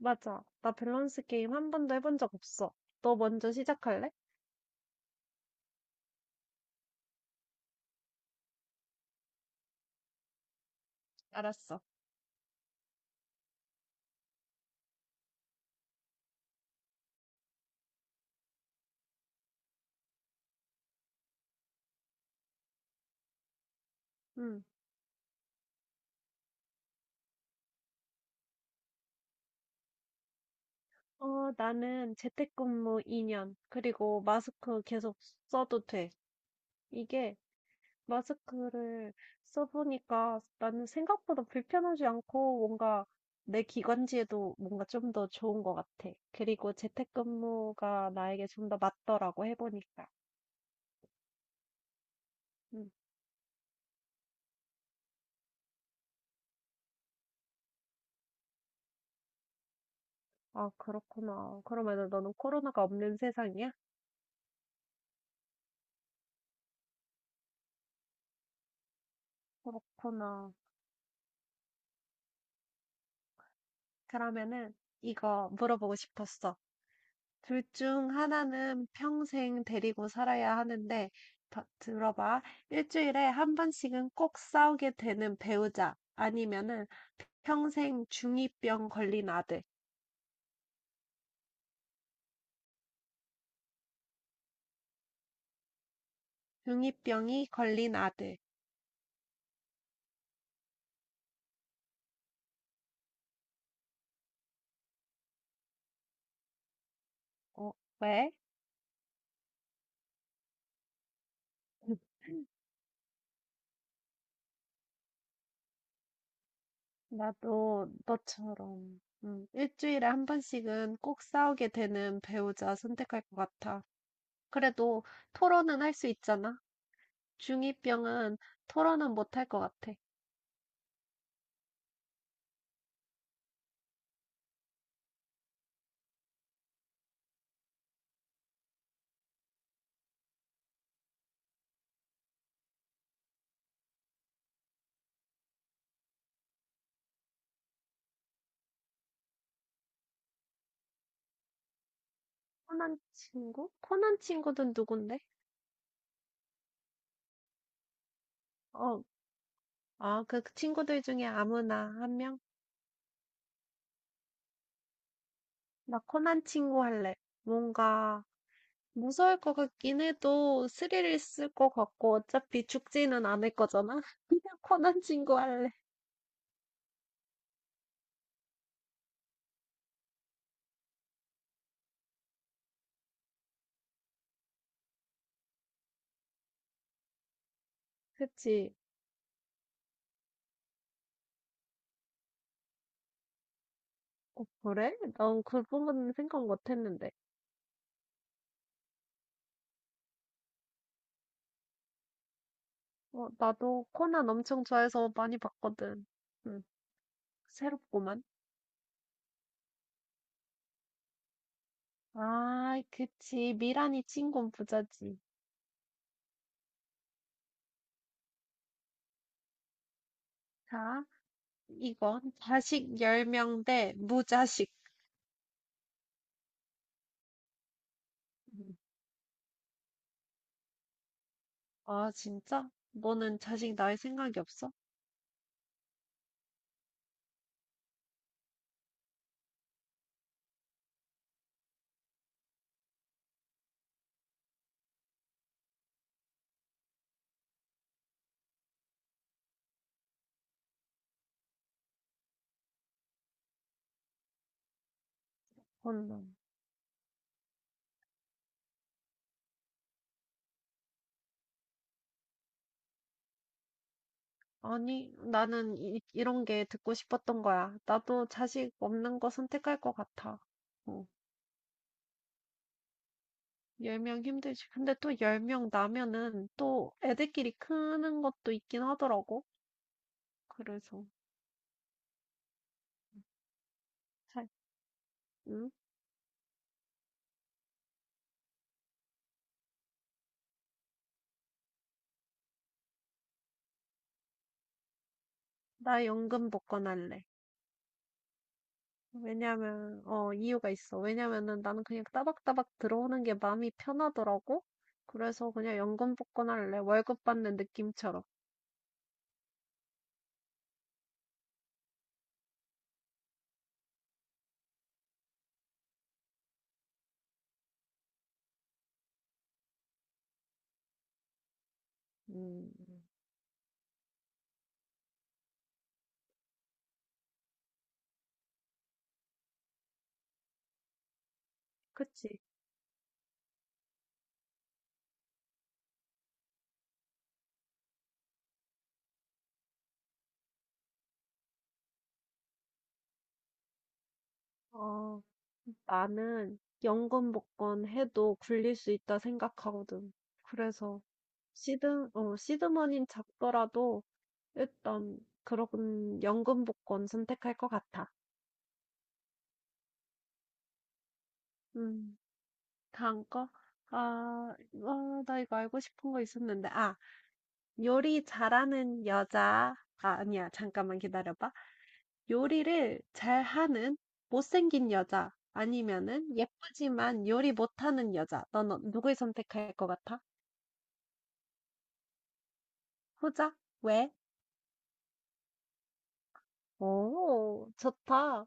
맞아. 나 밸런스 게임 한 번도 해본 적 없어. 너 먼저 시작할래? 알았어. 응. 나는 재택근무 2년, 그리고 마스크 계속 써도 돼. 이게 마스크를 써보니까 나는 생각보다 불편하지 않고 뭔가 내 기관지에도 뭔가 좀 더 좋은 것 같아. 그리고 재택근무가 나에게 좀 더 맞더라고 해보니까. 응. 아, 그렇구나. 그러면은 너는 코로나가 없는 세상이야? 그렇구나. 그러면은 이거 물어보고 싶었어. 둘 중 하나는 평생 데리고 살아야 하는데, 들어봐. 일주일에 한 번씩은 꼭 싸우게 되는 배우자. 아니면은 평생 중이병 걸린 아들. 중이병이 걸린 아들. 어, 왜? 나도 너처럼. 일주일에 한 번씩은 꼭 싸우게 되는 배우자 선택할 것 같아. 그래도 토론은 할 수 있잖아. 중2병은 토론은 못할 것 같아. 코난 친구? 코난 친구는 누군데? 어, 아, 그 친구들 중에 아무나 한 명? 나 코난 친구 할래. 뭔가 무서울 것 같긴 해도 스릴 있을 것 같고 어차피 죽지는 않을 거잖아. 그냥 코난 친구 할래. 그치? 어, 그래? 난 그 부분은 생각 못 했는데. 어, 나도 코난 엄청 좋아해서 많이 봤거든. 응, 새롭구만. 아, 그치. 미란이 친군 부자지. 자, 이건 자식 10명 대 무자식. 음. 아, 진짜? 너는 자식 낳을 생각이 없어? 혼남. 아니, 나는 이런 게 듣고 싶었던 거야. 나도 자식 없는 거 선택할 것 같아. 어, 10명 힘들지. 근데 또 10명 나면은 또 애들끼리 크는 것도 있긴 하더라고. 그래서, 자, 응? 나 연금 복권 할래. 이유가 있어. 왜냐면은 나는 그냥 따박따박 들어오는 게 마음이 편하더라고. 그래서 그냥 연금 복권할래. 월급 받는 느낌처럼. 음, 그치. 어, 나는 연금 복권 해도 굴릴 수 있다 생각하거든. 그래서 시드머니는 작더라도 일단 그런 연금 복권 선택할 것 같아. 음, 다음 거? 아, 아, 나 이거 알고 싶은 거 있었는데. 아, 요리 잘하는 여자. 아, 아니야. 잠깐만 기다려봐. 요리를 잘하는 못생긴 여자. 아니면은 예쁘지만 요리 못하는 여자. 넌 누굴 선택할 것 같아? 후자? 왜? 오, 좋다.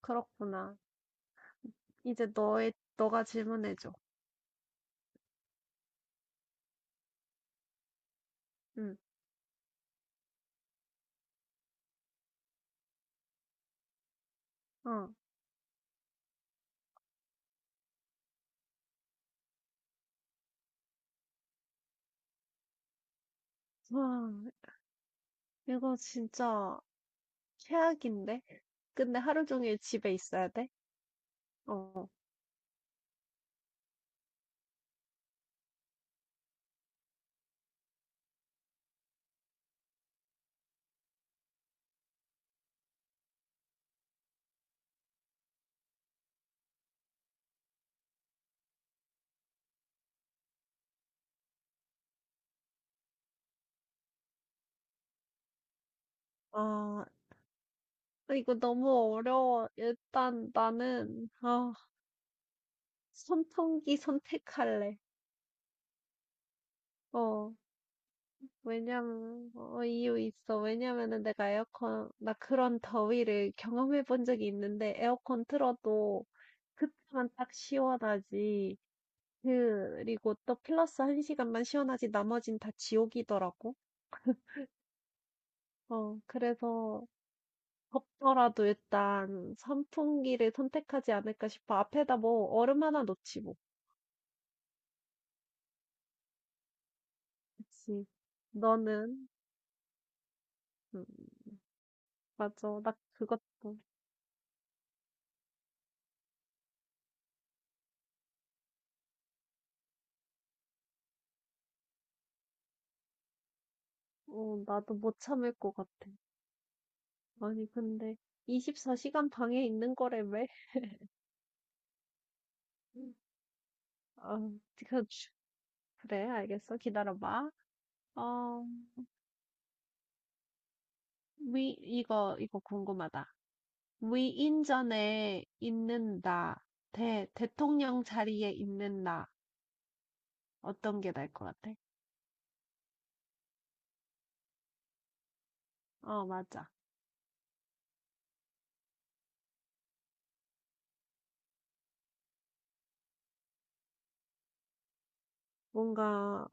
그렇구나. 이제 너가 질문해줘. 응, 어. 와, 이거 진짜 최악인데? 근데 하루 종일 집에 있어야 돼? 어. 아, 이거 너무 어려워. 일단 선풍기 선택할래. 어, 이유 있어. 왜냐면은 내가 나 그런 더위를 경험해 본 적이 있는데, 에어컨 틀어도 그때만 딱 시원하지. 그리고 또 플러스 한 시간만 시원하지, 나머진 다 지옥이더라고. 어, 그래서 덥더라도 일단 선풍기를 선택하지 않을까 싶어. 앞에다 뭐 얼음 하나 놓지 뭐. 그치. 너는? 음, 맞아. 나 그것도. 어, 나도 못 참을 것 같아. 아니, 근데 24시간 방에 있는 거라며? 아, 그, 그래, 알겠어. 기다려봐. 어, 이거 궁금하다. 위인전에 있는 나, 대통령 자리에 있는 나, 어떤 게 나을 것 같아? 어, 맞아. 뭔가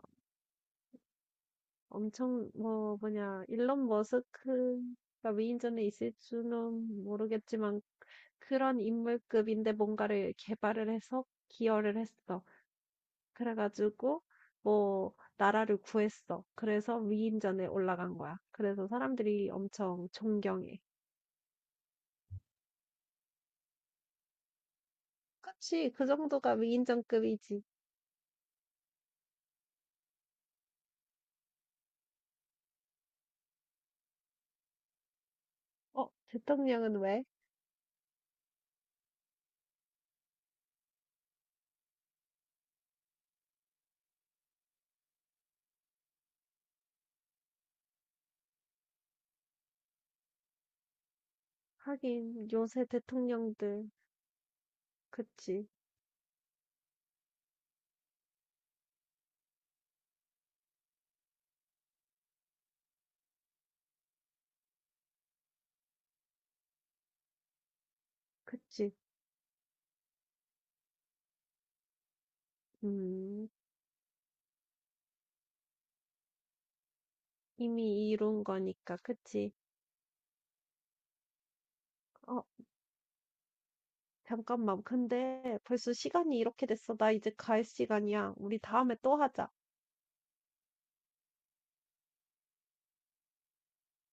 엄청 뭐냐 일론 머스크가 위인전에 있을지는 모르겠지만 그런 인물급인데 뭔가를 개발을 해서 기여를 했어. 그래가지고 뭐 나라를 구했어. 그래서 위인전에 올라간 거야. 그래서 사람들이 엄청 존경해. 그치, 그 정도가 위인전급이지. 어, 대통령은 왜? 하긴 요새 대통령들 그치, 그치. 음, 이미 이룬 거니까 그치. 어, 잠깐만. 근데 벌써 시간이 이렇게 됐어. 나 이제 갈 시간이야. 우리 다음에 또 하자.